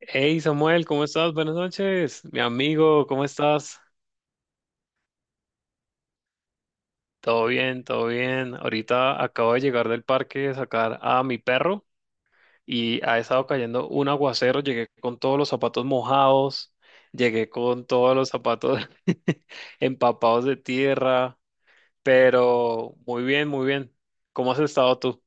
Hey Samuel, ¿cómo estás? Buenas noches, mi amigo, ¿cómo estás? Todo bien, todo bien. Ahorita acabo de llegar del parque a sacar a mi perro y ha estado cayendo un aguacero. Llegué con todos los zapatos mojados, llegué con todos los zapatos empapados de tierra, pero muy bien, muy bien. ¿Cómo has estado tú?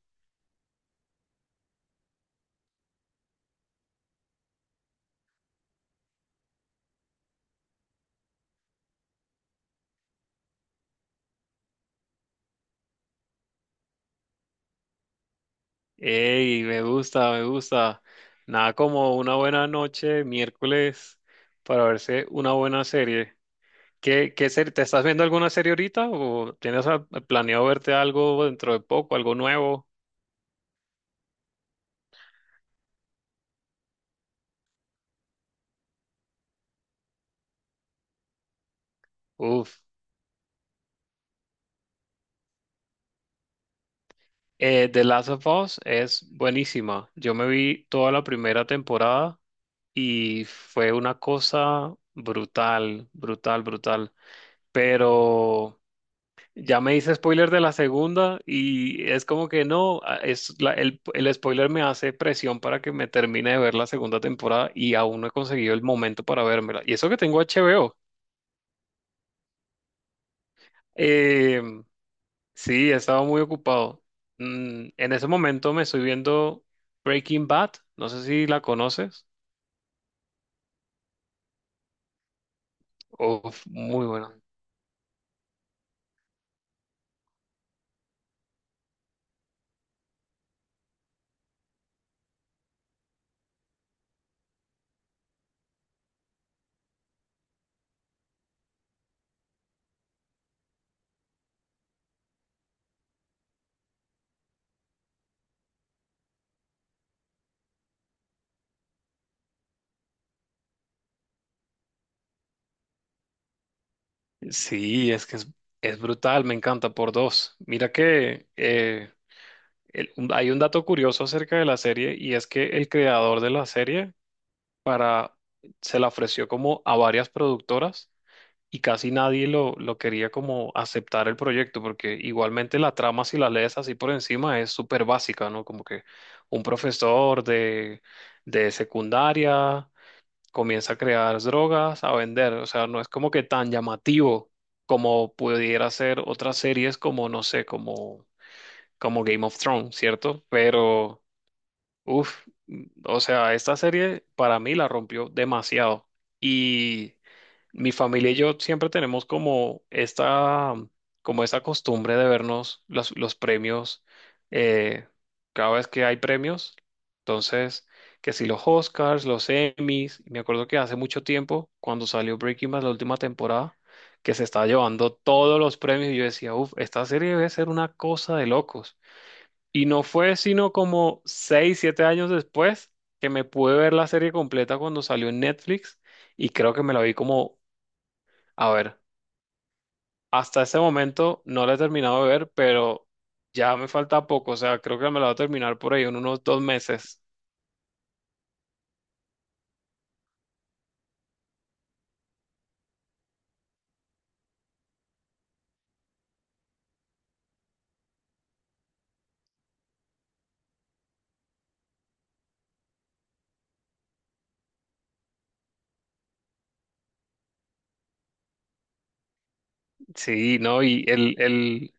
Hey, me gusta, me gusta. Nada como una buena noche, miércoles, para verse una buena serie. ¿Qué serie? ¿Te estás viendo alguna serie ahorita o tienes planeado verte algo dentro de poco, algo nuevo? Uf. The Last of Us es buenísima. Yo me vi toda la primera temporada y fue una cosa brutal, brutal, brutal. Pero ya me hice spoiler de la segunda y es como que no, el spoiler me hace presión para que me termine de ver la segunda temporada y aún no he conseguido el momento para vérmela. Y eso que tengo HBO. Eh, sí, he estado muy ocupado. En ese momento me estoy viendo Breaking Bad. No sé si la conoces. Uf, muy buena. Sí, es que es brutal, me encanta por dos. Mira que hay un dato curioso acerca de la serie y es que el creador de la serie para, se la ofreció como a varias productoras y casi nadie lo quería como aceptar el proyecto, porque igualmente la trama, si la lees así por encima, es súper básica, ¿no? Como que un profesor de secundaria comienza a crear drogas, a vender, o sea, no es como que tan llamativo como pudiera ser otras series como, no sé, como Game of Thrones, ¿cierto? Pero... Uf, o sea, esta serie para mí la rompió demasiado. Y mi familia y yo siempre tenemos como esta costumbre de vernos los premios, eh, cada vez que hay premios. Entonces, que si los Oscars, los Emmys, me acuerdo que hace mucho tiempo, cuando salió Breaking Bad la última temporada, que se estaba llevando todos los premios, y yo decía, uf, esta serie debe ser una cosa de locos. Y no fue sino como 6, 7 años después que me pude ver la serie completa cuando salió en Netflix y creo que me la vi como, a ver, hasta ese momento no la he terminado de ver, pero ya me falta poco, o sea, creo que me la voy a terminar por ahí en unos 2 meses. Sí, ¿no? Y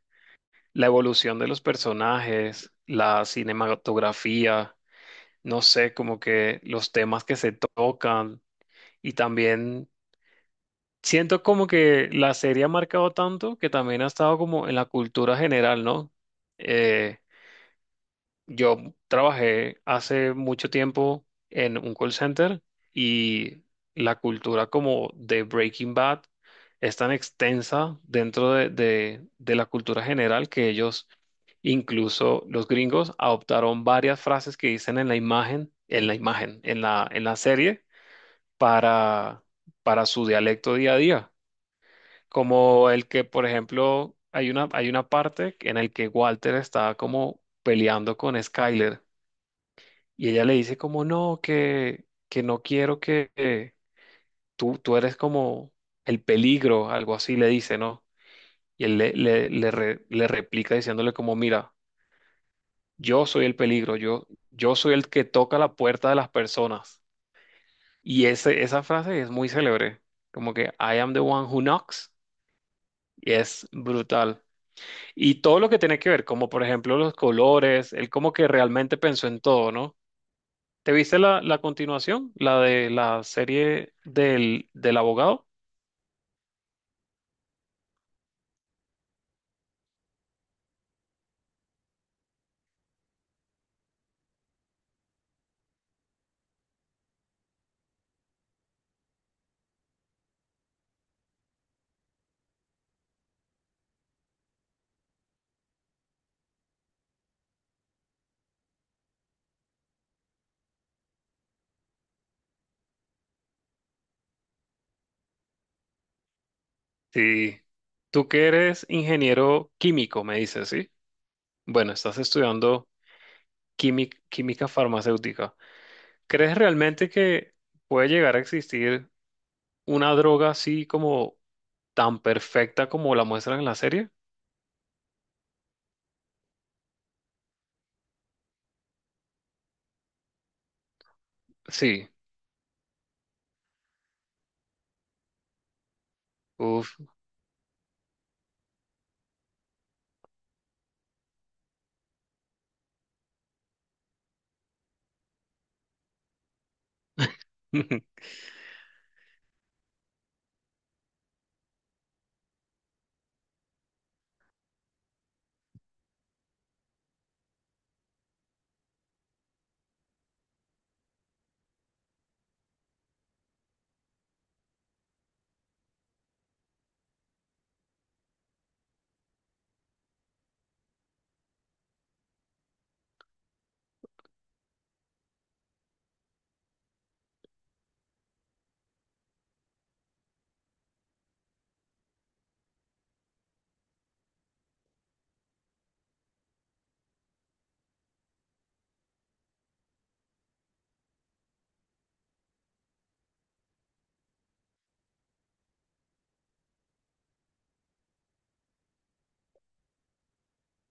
la evolución de los personajes, la cinematografía, no sé, como que los temas que se tocan y también siento como que la serie ha marcado tanto que también ha estado como en la cultura general, ¿no? Eh, yo trabajé hace mucho tiempo en un call center y la cultura como de Breaking Bad es tan extensa dentro de la cultura general que ellos, incluso los gringos, adoptaron varias frases que dicen en la imagen, en la imagen, en la serie para, para su dialecto día a día como el que, por ejemplo, hay una parte en el que Walter está como peleando con Skyler y ella le dice como, no, que no quiero que tú eres como el peligro, algo así le dice, ¿no? Y él le replica diciéndole como, mira, yo soy el peligro, yo soy el que toca la puerta de las personas. Y ese, esa frase es muy célebre, como que I am the one who knocks, y es brutal. Y todo lo que tiene que ver, como por ejemplo los colores, él como que realmente pensó en todo, ¿no? ¿Te viste la continuación? La de la serie del abogado. Sí. Tú que eres ingeniero químico, me dices, ¿sí? Bueno, estás estudiando química, química farmacéutica. ¿Crees realmente que puede llegar a existir una droga así como tan perfecta como la muestran en la serie? Sí. Uf.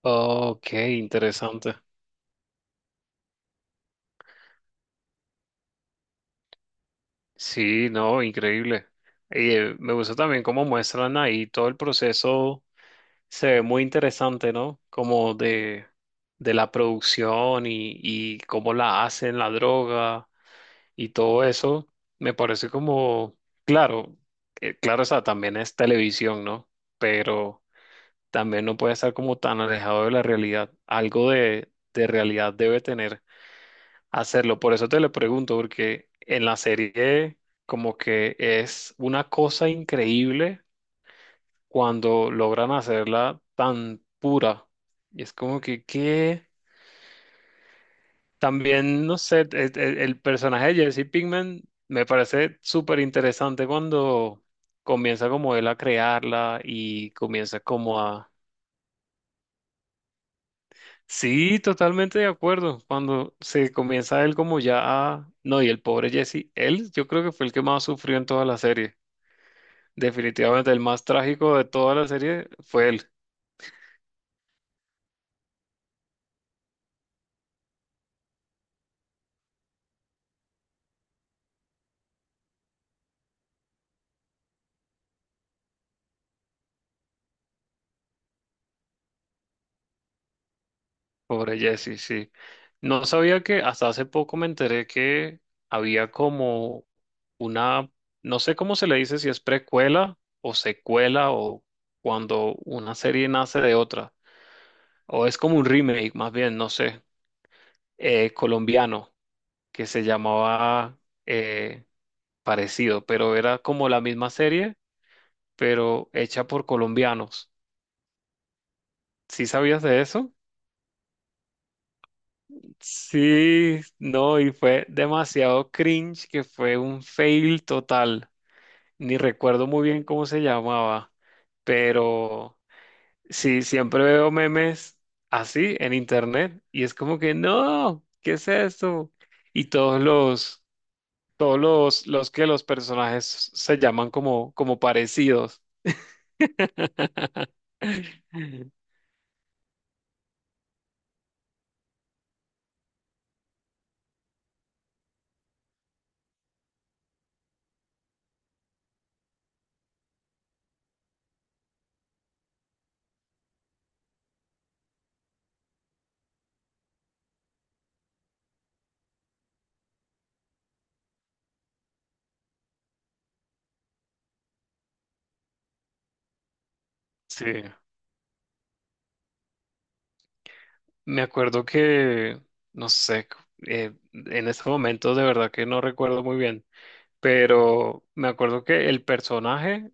Ok, interesante. Sí, no, increíble. Y me gusta también cómo muestran ahí todo el proceso, se ve muy interesante, ¿no? Como de la producción y cómo la hacen, la droga y todo eso. Me parece como, claro, claro, o sea, también es televisión, ¿no? Pero también no puede estar como tan alejado de la realidad. Algo de realidad debe tener hacerlo. Por eso te lo pregunto, porque en la serie como que es una cosa increíble cuando logran hacerla tan pura. Y es como que, ¿qué? También, no sé, personaje de Jesse Pinkman me parece súper interesante cuando comienza como él a crearla y comienza como a. Sí, totalmente de acuerdo. Cuando se comienza él como ya a... No, y el pobre Jesse, él yo creo que fue el que más sufrió en toda la serie. Definitivamente el más trágico de toda la serie fue él, pobre Jesse, sí. No sabía que hasta hace poco me enteré que había como una... No sé cómo se le dice si es precuela o secuela o cuando una serie nace de otra. O es como un remake, más bien, no sé. Colombiano. Que se llamaba, eh, parecido, pero era como la misma serie, pero hecha por colombianos. ¿Sí sabías de eso? Sí, no, y fue demasiado cringe que fue un fail total. Ni recuerdo muy bien cómo se llamaba, pero sí, siempre veo memes así en internet y es como que no, ¿qué es eso? Y todos los que los personajes se llaman como, como parecidos. Sí, me acuerdo que, no sé, en este momento de verdad que no recuerdo muy bien, pero me acuerdo que el personaje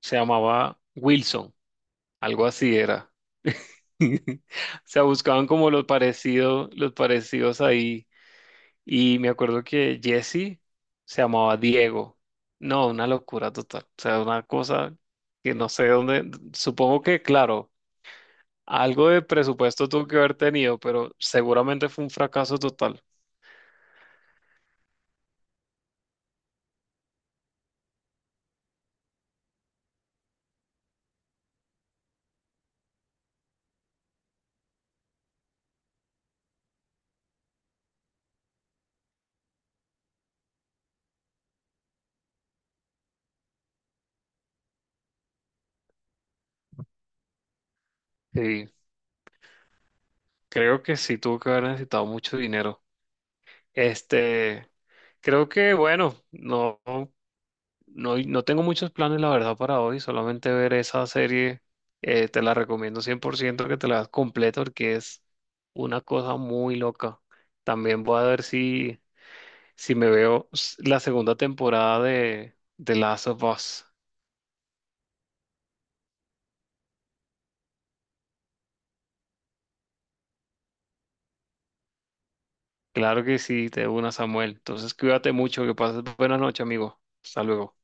se llamaba Wilson, algo así era. O sea, buscaban como los parecidos ahí. Y me acuerdo que Jesse se llamaba Diego. No, una locura total. O sea, una cosa que no sé dónde. Supongo que, claro, algo de presupuesto tuvo que haber tenido, pero seguramente fue un fracaso total. Sí, creo que sí tuvo que haber necesitado mucho dinero. Este, creo que, bueno, no. No, y no tengo muchos planes, la verdad, para hoy. Solamente ver esa serie. Te la recomiendo 100% que te la veas completa porque es una cosa muy loca. También voy a ver si, me veo la segunda temporada de Last of Us. Claro que sí, te una, Samuel. Entonces, cuídate mucho. Que pases buenas noches amigo. Hasta luego.